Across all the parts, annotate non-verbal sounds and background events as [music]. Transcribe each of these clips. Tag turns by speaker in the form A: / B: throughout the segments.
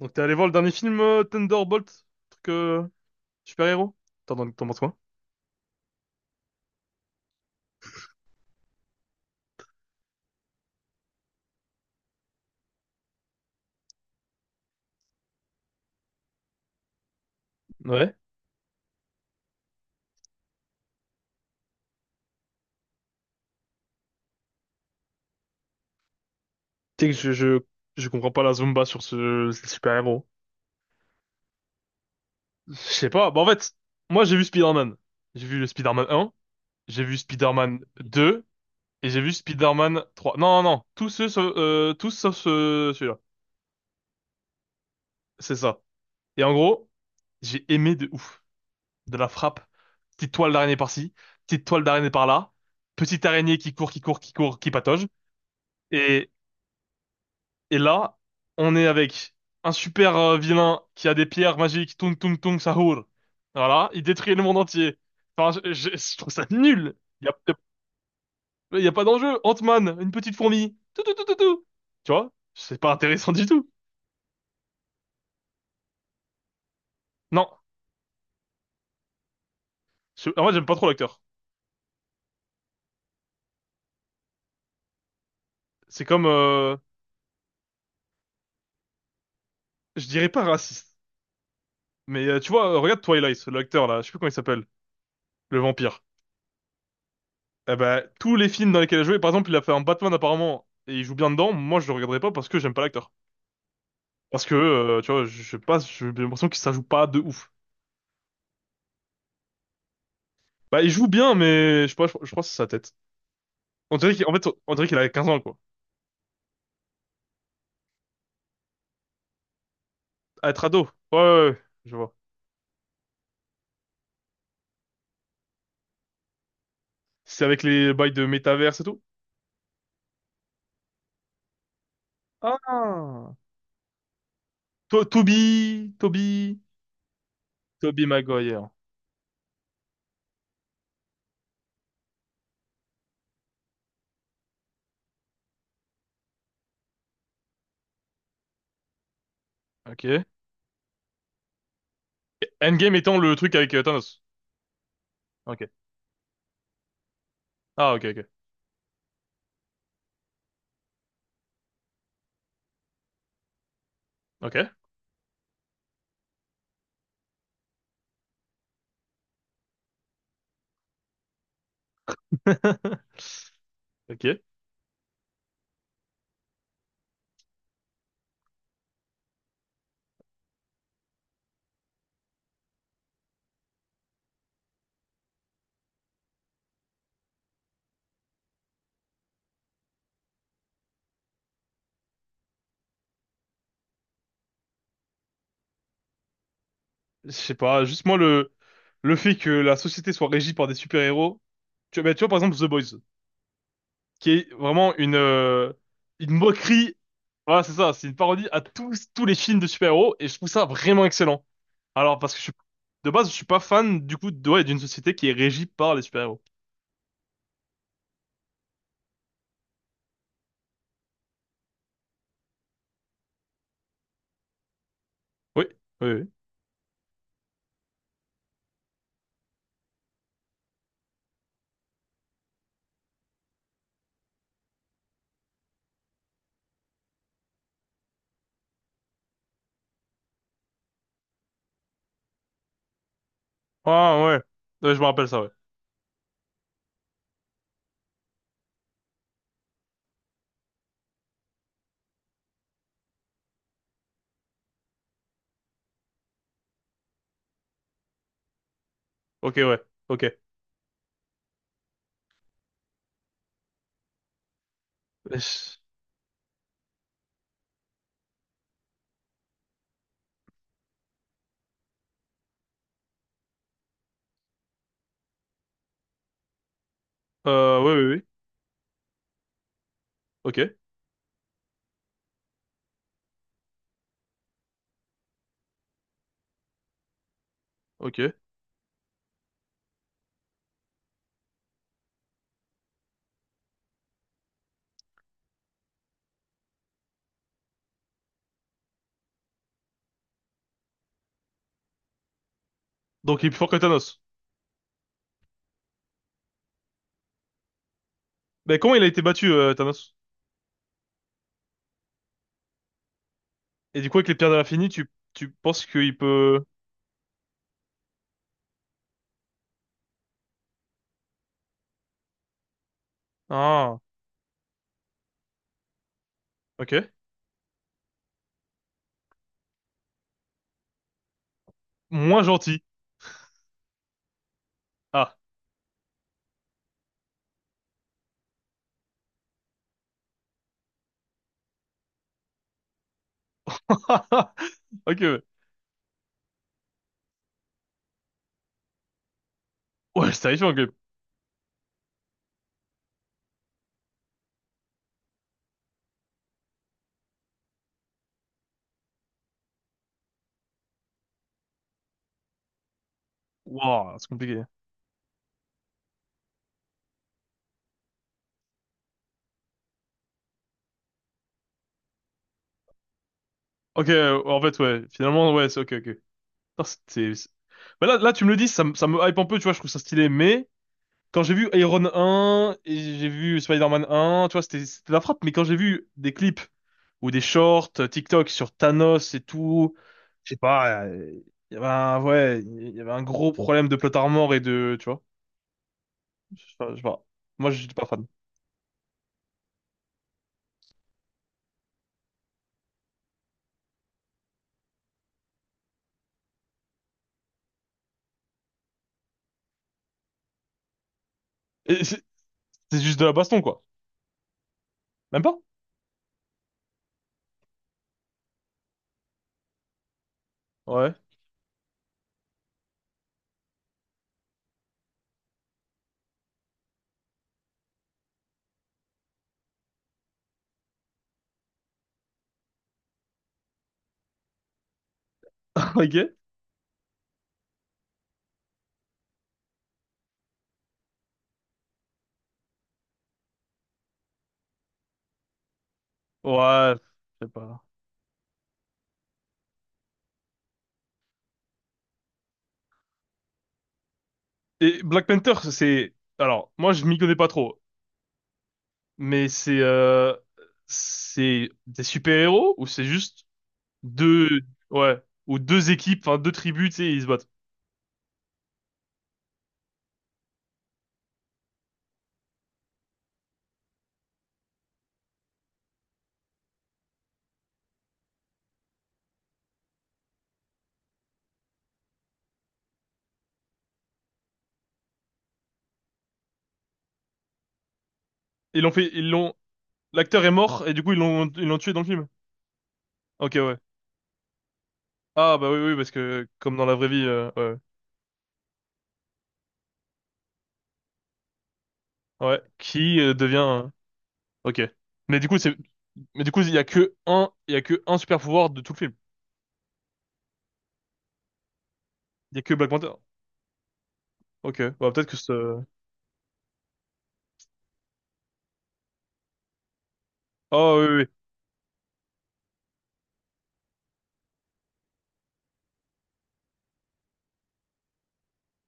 A: Donc t'es allé voir le dernier film Thunderbolt, truc super-héros? T'en penses quoi? Ouais. Tu sais que je comprends pas la Zumba sur ce super-héros. Je sais pas. Bah en fait, moi j'ai vu Spider-Man. J'ai vu le Spider-Man 1, j'ai vu Spider-Man 2 et j'ai vu Spider-Man 3. Non, non, non. Tous ceux, tous sauf celui-là. C'est ça. Et en gros, j'ai aimé de ouf. De la frappe. Petite toile d'araignée par-ci, petite toile d'araignée par-là. Petite araignée qui court, qui court, qui court, qui patauge. Et Et là, on est avec un super vilain qui a des pierres magiques, Tung Tung Tung Sahur. Voilà, il détruit le monde entier. Enfin, je trouve ça nul. Il y a, y a pas d'enjeu. Ant-Man, une petite fourmi. Tout, tout, tout, tout, tout. Tu vois? C'est pas intéressant du tout. Non. En vrai, j'aime pas trop l'acteur. C'est comme, je dirais pas raciste. Mais tu vois, regarde Twilight, l'acteur là, je sais plus comment il s'appelle, le vampire. Eh ben, tous les films dans lesquels il a joué, par exemple, il a fait un Batman apparemment, et il joue bien dedans, moi je le regarderai pas parce que j'aime pas l'acteur. Parce que, tu vois, je sais pas, j'ai l'impression que ça joue pas de ouf. Bah, il joue bien, mais je sais pas, je crois que c'est sa tête. On dirait qu'il, en fait, on dirait qu'il a quinze ans, quoi. À être ado. Ouais, ouais, ouais, je vois. C'est avec les bails de métaverse et tout? Ah! Toby, Toby, Toby Maguire. Ok. Et Endgame étant le truc avec Thanos. Ok. Ah, ok, ok. Ok. [laughs] Ok. Je sais pas, juste moi, le fait que la société soit régie par des super-héros. Bah, tu vois, par exemple, The Boys, qui est vraiment une moquerie. Voilà, c'est ça, c'est une parodie à tous les films de super-héros et je trouve ça vraiment excellent. Alors parce que je suis de base, je suis pas fan du coup de ouais, d'une société qui est régie par les super-héros. Oui, oui, oui. Ah ouais. Ouais, je me rappelle ça, ouais. OK, ouais. OK. Oui, oui, oui. OK. OK. Donc il est plus fort que Thanos. Mais comment il a été battu Thanos? Et du coup avec les pierres de l'infini, tu penses qu'il peut. Ah, OK. Moins gentil. Ah. [laughs] OK, ouais. Ouais, c'est terrifiant, ok. Wow, c'est compliqué. Ok, en fait, ouais. Finalement, ouais, c'est ok, ok. Putain, Bah là, tu me le dis, ça me hype un peu, tu vois, je trouve ça stylé, mais quand j'ai vu Iron 1 et j'ai vu Spider-Man 1, tu vois, c'était la frappe, mais quand j'ai vu des clips ou des shorts TikTok sur Thanos et tout, je sais pas, il y avait ouais, il y avait un gros problème de plot armor et de, tu vois, je sais pas, je sais pas. Moi, je suis pas fan. Et c'est juste de la baston, quoi. Même pas? Ouais. [laughs] Ok. Ouais, je sais pas. Et Black Panther, c'est... Alors, moi, je m'y connais pas trop, mais c'est des super-héros ou c'est juste deux... Ouais, ou deux équipes, enfin deux tribus, tu sais, ils se battent. Ils l'ont... L'acteur est mort et du coup, ils l'ont tué dans le film. Ok, ouais. Ah, bah oui, oui, parce que comme dans la vraie vie, ouais. Ouais, qui devient... euh. Ok. Mais du coup, c'est... Mais du coup, Il y a que un super-pouvoir de tout le film. Il y a que Black Panther. Ok, bah peut-être que Ah oui, oui, oui.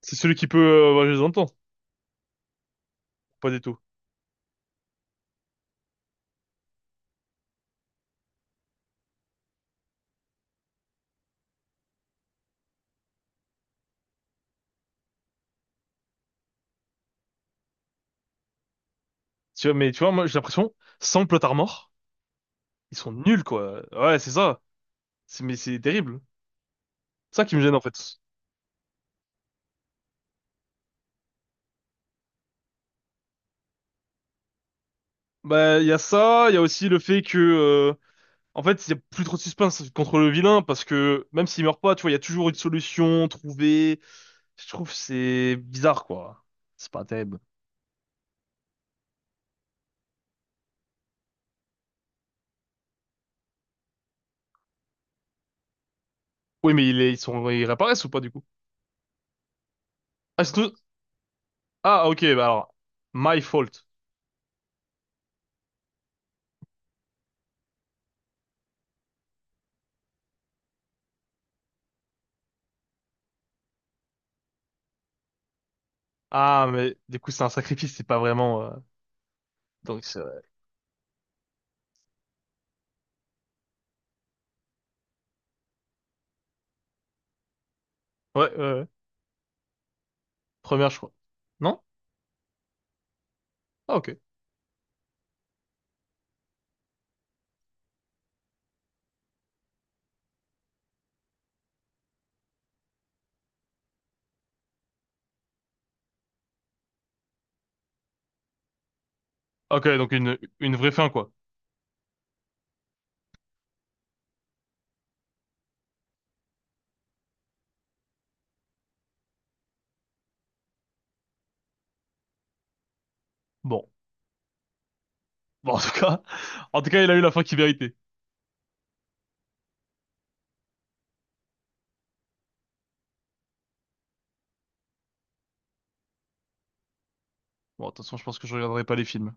A: C'est celui qui peut... voyager dans le temps. Pas du tout. Tu vois, moi, j'ai l'impression, sans le Plotard mort, ils sont nuls, quoi. Ouais, c'est ça. C'est, mais c'est terrible. C'est ça qui me gêne, en fait. Bah, il y a ça, il y a aussi le fait que, en fait, il y a plus trop de suspense contre le vilain, parce que même s'il meurt pas, tu vois, il y a toujours une solution trouvée. Je trouve que c'est bizarre, quoi. C'est pas terrible. Oui, mais ils sont, ils réapparaissent ou pas, du coup? Ah, c'est tout- ah, ok, bah alors, my fault. Ah, mais du coup, c'est un sacrifice, c'est pas vraiment, donc c'est, ouais, ouais, ouais. Première, je crois. Non. Ah, ok. Ok, donc une vraie fin, quoi. Bon. Bon, en tout cas, il a eu la fin qu'il méritait. Bon, de toute façon, je pense que je regarderai pas les films.